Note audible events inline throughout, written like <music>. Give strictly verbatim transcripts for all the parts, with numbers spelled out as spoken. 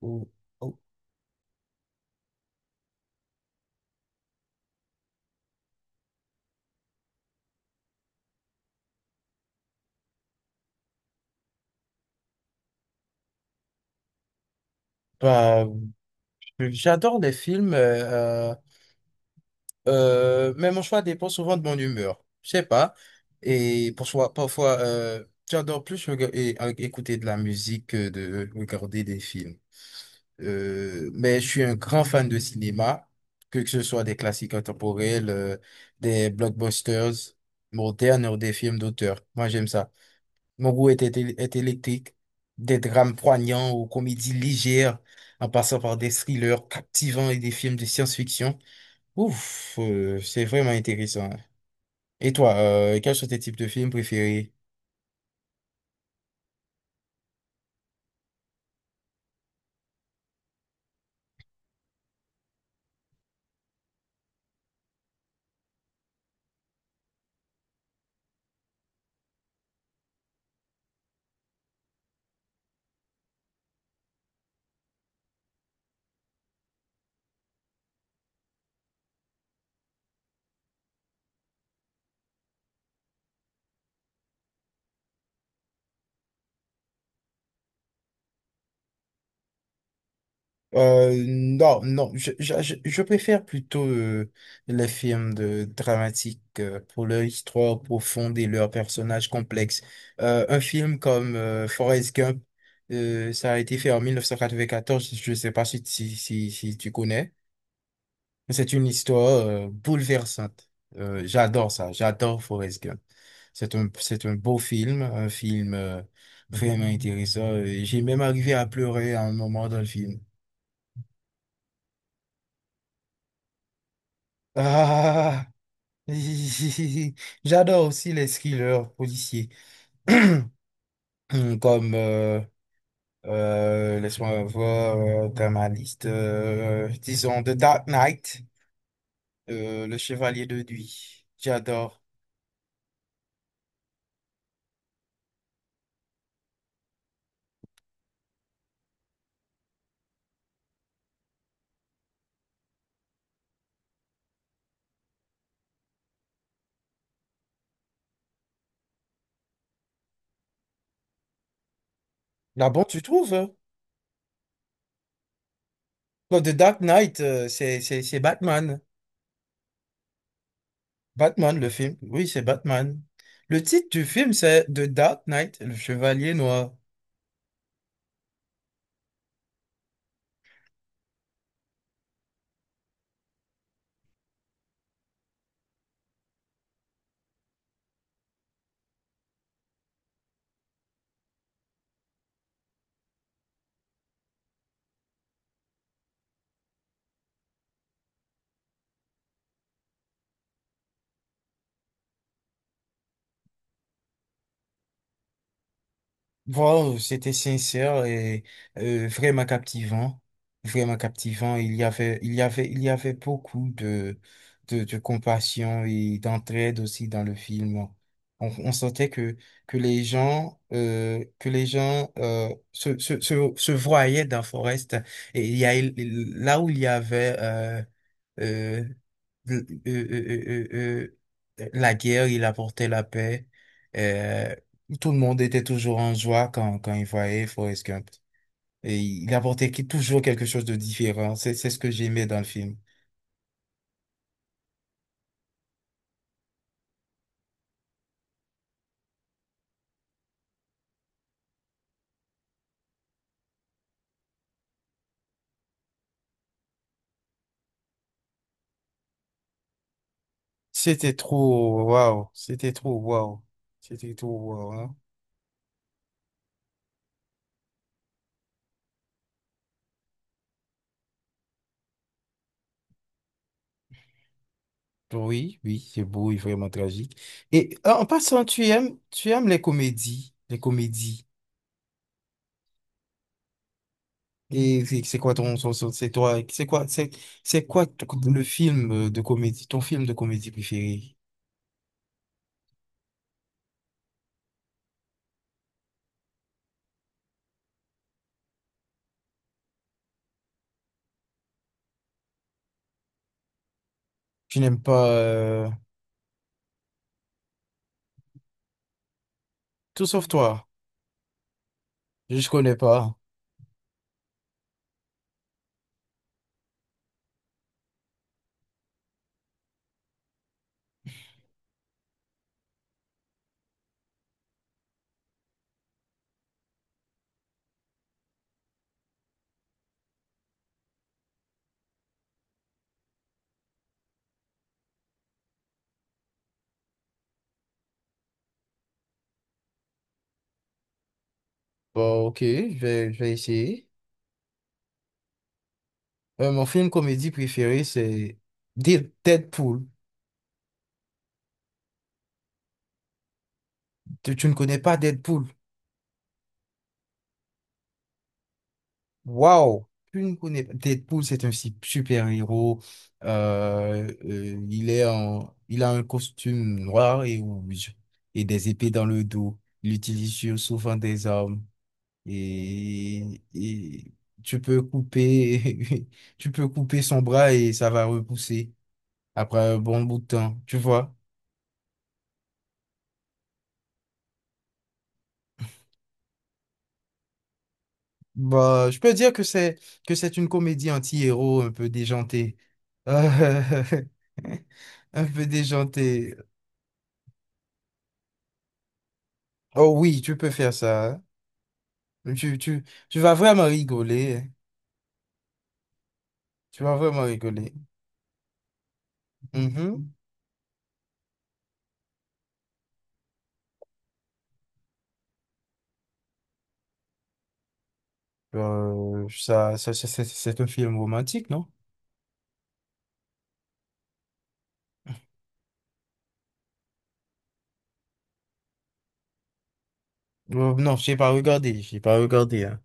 Ou- ou- Bah, euh, J'adore les films, euh, euh, euh, mais mon choix dépend souvent de mon humeur. Je sais pas. Et pour soi, parfois, euh, j'adore plus rega- et- euh, écouter de la musique que de regarder des films. Euh, mais je suis un grand fan de cinéma, que que ce soit des classiques intemporels, euh, des blockbusters modernes ou des films d'auteur. Moi, j'aime ça. Mon goût est, éte- est électrique, des drames poignants aux comédies légères, en passant par des thrillers captivants et des films de science-fiction. Ouf, euh, c'est vraiment intéressant. Et toi, euh, quels sont tes types de films préférés? Euh, non, non, je, je, je je préfère plutôt euh, les films de dramatiques euh, pour leur histoire profonde et leurs personnages complexes. Euh, un film comme euh, Forrest Gump, euh, ça a été fait en mille neuf cent quatre-vingt-quatorze, je ne sais pas si, si, si, si tu connais. C'est une histoire euh, bouleversante. Euh, j'adore ça, j'adore Forrest Gump. C'est un, c'est un beau film, un film euh, vraiment intéressant. Euh, J'ai même arrivé à pleurer à un moment dans le film. Ah! <laughs> J'adore aussi les thrillers policiers, <clears throat> comme, euh, euh, laisse-moi voir, euh, dans ma liste, euh, disons The Dark Knight, euh, Le Chevalier de Nuit. J'adore. Là, bon, tu trouves? Hein? Bon, The Dark Knight, euh, c'est, c'est, c'est Batman. Batman, le film. Oui, c'est Batman. Le titre du film, c'est The Dark Knight, Le Chevalier Noir. Wow, c'était sincère et euh, vraiment captivant, vraiment captivant. Il y avait, il y avait, il y avait beaucoup de, de, de compassion et d'entraide aussi dans le film. On, on sentait que, que les gens, euh, que les gens euh, se, se, se, se voyaient dans Forest. Et il y a, là où il y avait euh, euh, le- euh, euh, euh, euh, euh, la guerre, il apportait la paix. Euh, Tout le monde était toujours en joie quand, quand il voyait Forrest Gump. Et il apportait qui- toujours quelque chose de différent. C'est, c'est ce que j'aimais dans le film. C'était trop waouh, c'était trop waouh, c'était trop waouh. Hein. Oui, oui, c'est beau et vraiment tragique. Et en en passant, tu aimes, tu aimes les comédies, les comédies. Et c'est c'est quoi ton, son- son- c'est toi, c'est quoi, c'est, c'est quoi t- le film de comédie, ton film de comédie préféré? Tu n'aimes pas euh, Tout sauf toi. Je connais pas. Bon, ok, je vais, je vais essayer. Euh, mon film comédie préféré, c'est Dead- Deadpool. Tu, tu ne connais pas Deadpool? Waouh! Tu ne connais pas. Deadpool, c'est un si- super-héros. Euh, euh, il est en, il a un costume noir et rouge et des épées dans le dos. Il utilise sur- souvent des armes et, et tu peux couper, <laughs> tu peux couper son bras et ça va repousser après un bon bout de temps, tu vois? Bah, je peux dire que c'est que c'est une comédie anti-héros un peu déjantée. Euh, <laughs> un peu déjantée. Oh oui, tu peux faire ça. Hein. Tu, tu, tu vas vraiment rigoler. Hein. Tu vas vraiment rigoler. Mhm. Euh, ça, ça, ça- c'est c'est un film romantique, non? Euh, non, je n'ai pas regardé. Je n'ai pas regardé. Hein.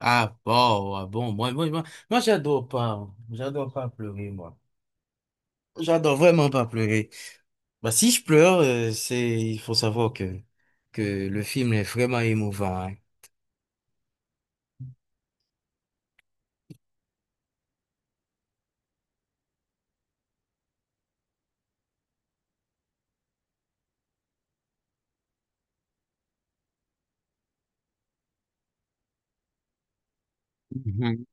Ah bon, ah bon, moi, moi, moi, moi j'adore pas, j'adore pas pleurer, moi. J'adore vraiment pas pleurer. Bah, si je pleure, euh, c'est, il faut savoir que, que le film est vraiment émouvant, hein. Mhm.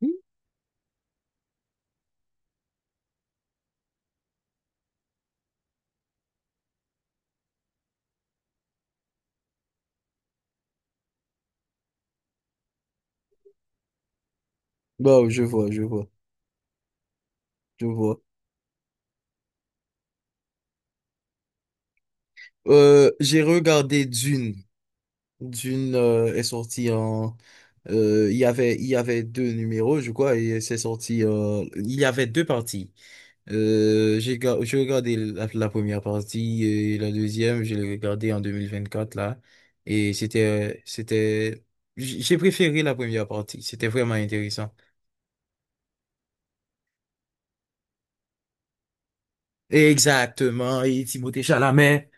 Bon, je vois, je vois, je vois. Euh, j'ai regardé Dune. Dune euh, est sorti en... euh, il y avait, il y avait deux numéros, je crois, et c'est sorti... euh, il y avait deux parties. Euh, j'ai ga- j'ai regardé la, la première partie et la deuxième, je l'ai regardée en deux mille vingt quatre là. Et c'était, c'était, j- j'ai préféré la première partie. C'était vraiment intéressant. Exactement. Et Timothée Chalamet.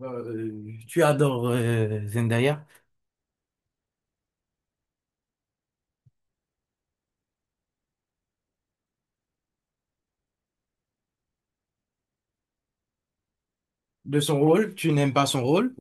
Euh, tu adores euh, Zendaya. De son rôle, tu n'aimes pas son rôle.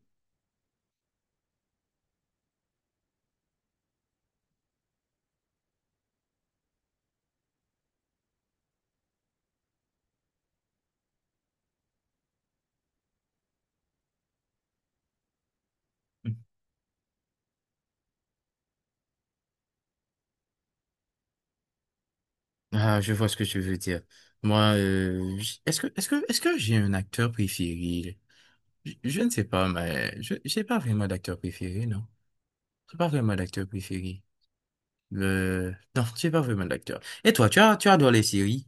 Ah, je vois ce que tu veux dire. Moi, euh, j- est-ce que, est-ce que, est-ce que j'ai un acteur préféré? Je, je ne sais pas, mais je, j'ai pas vraiment d'acteur préféré, non. J'ai pas vraiment d'acteur préféré. Le... Non, j'ai pas vraiment d'acteur. Et toi, tu as, tu adores les séries?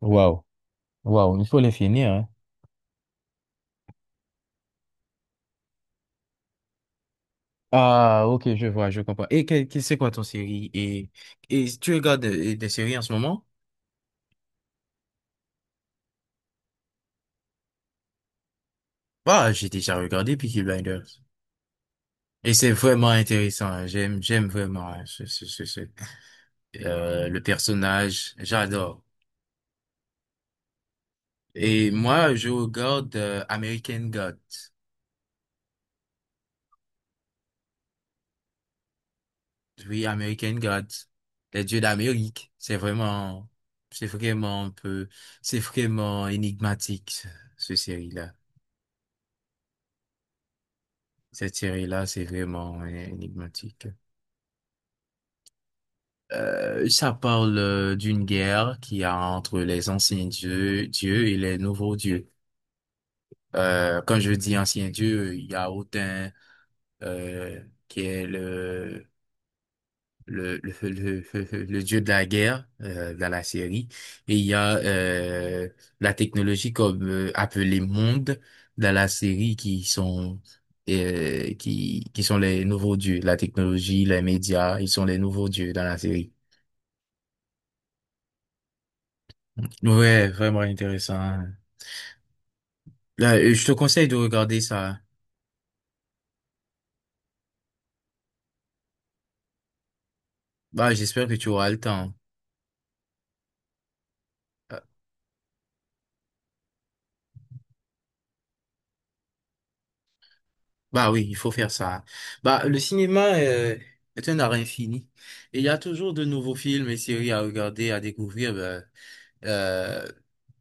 Waouh, waouh, il faut les finir, hein. Ah, ok, je vois, je comprends. Et que, que- c'est quoi ton série? Et, et tu regardes des, des séries en ce moment? Ah, j'ai déjà regardé Peaky Blinders. Et c'est vraiment intéressant. Hein. J'aime, j'aime vraiment hein, ce, ce, ce, ce- euh, le personnage, j'adore. Et moi, je regarde euh, American Gods. Oui, American Gods, les dieux d'Amérique. C'est vraiment, c'est vraiment un peu, c'est vraiment énigmatique, ce ce série-là. Cette série-là, c'est vraiment euh, énigmatique. Euh, ça parle euh, d'une guerre qu'il y a entre les anciens dieux, dieux et les nouveaux dieux. Euh, quand je dis anciens dieux, il y a Odin, euh, qui est le le, le, le, le le dieu de la guerre euh, dans la série. Et il y a euh, la technologie comme euh, appelée monde dans la série qui sont euh, qui, qui sont les nouveaux dieux. La technologie, les médias, ils sont les nouveaux dieux dans la série. Ouais, vraiment intéressant. Là, euh, je te conseille de regarder ça. Bah, j'espère que tu auras le temps. Bah oui, il faut faire ça. Bah, le cinéma euh, est un art infini. Et il y a toujours de nouveaux films et séries à regarder, à découvrir. Bah, euh,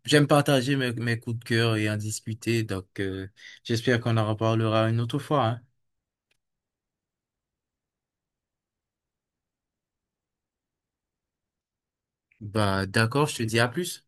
j'aime partager mes, mes coups de cœur et en discuter. Donc, euh, j'espère qu'on en reparlera une autre fois. Hein. Bah, d'accord, je te dis à plus.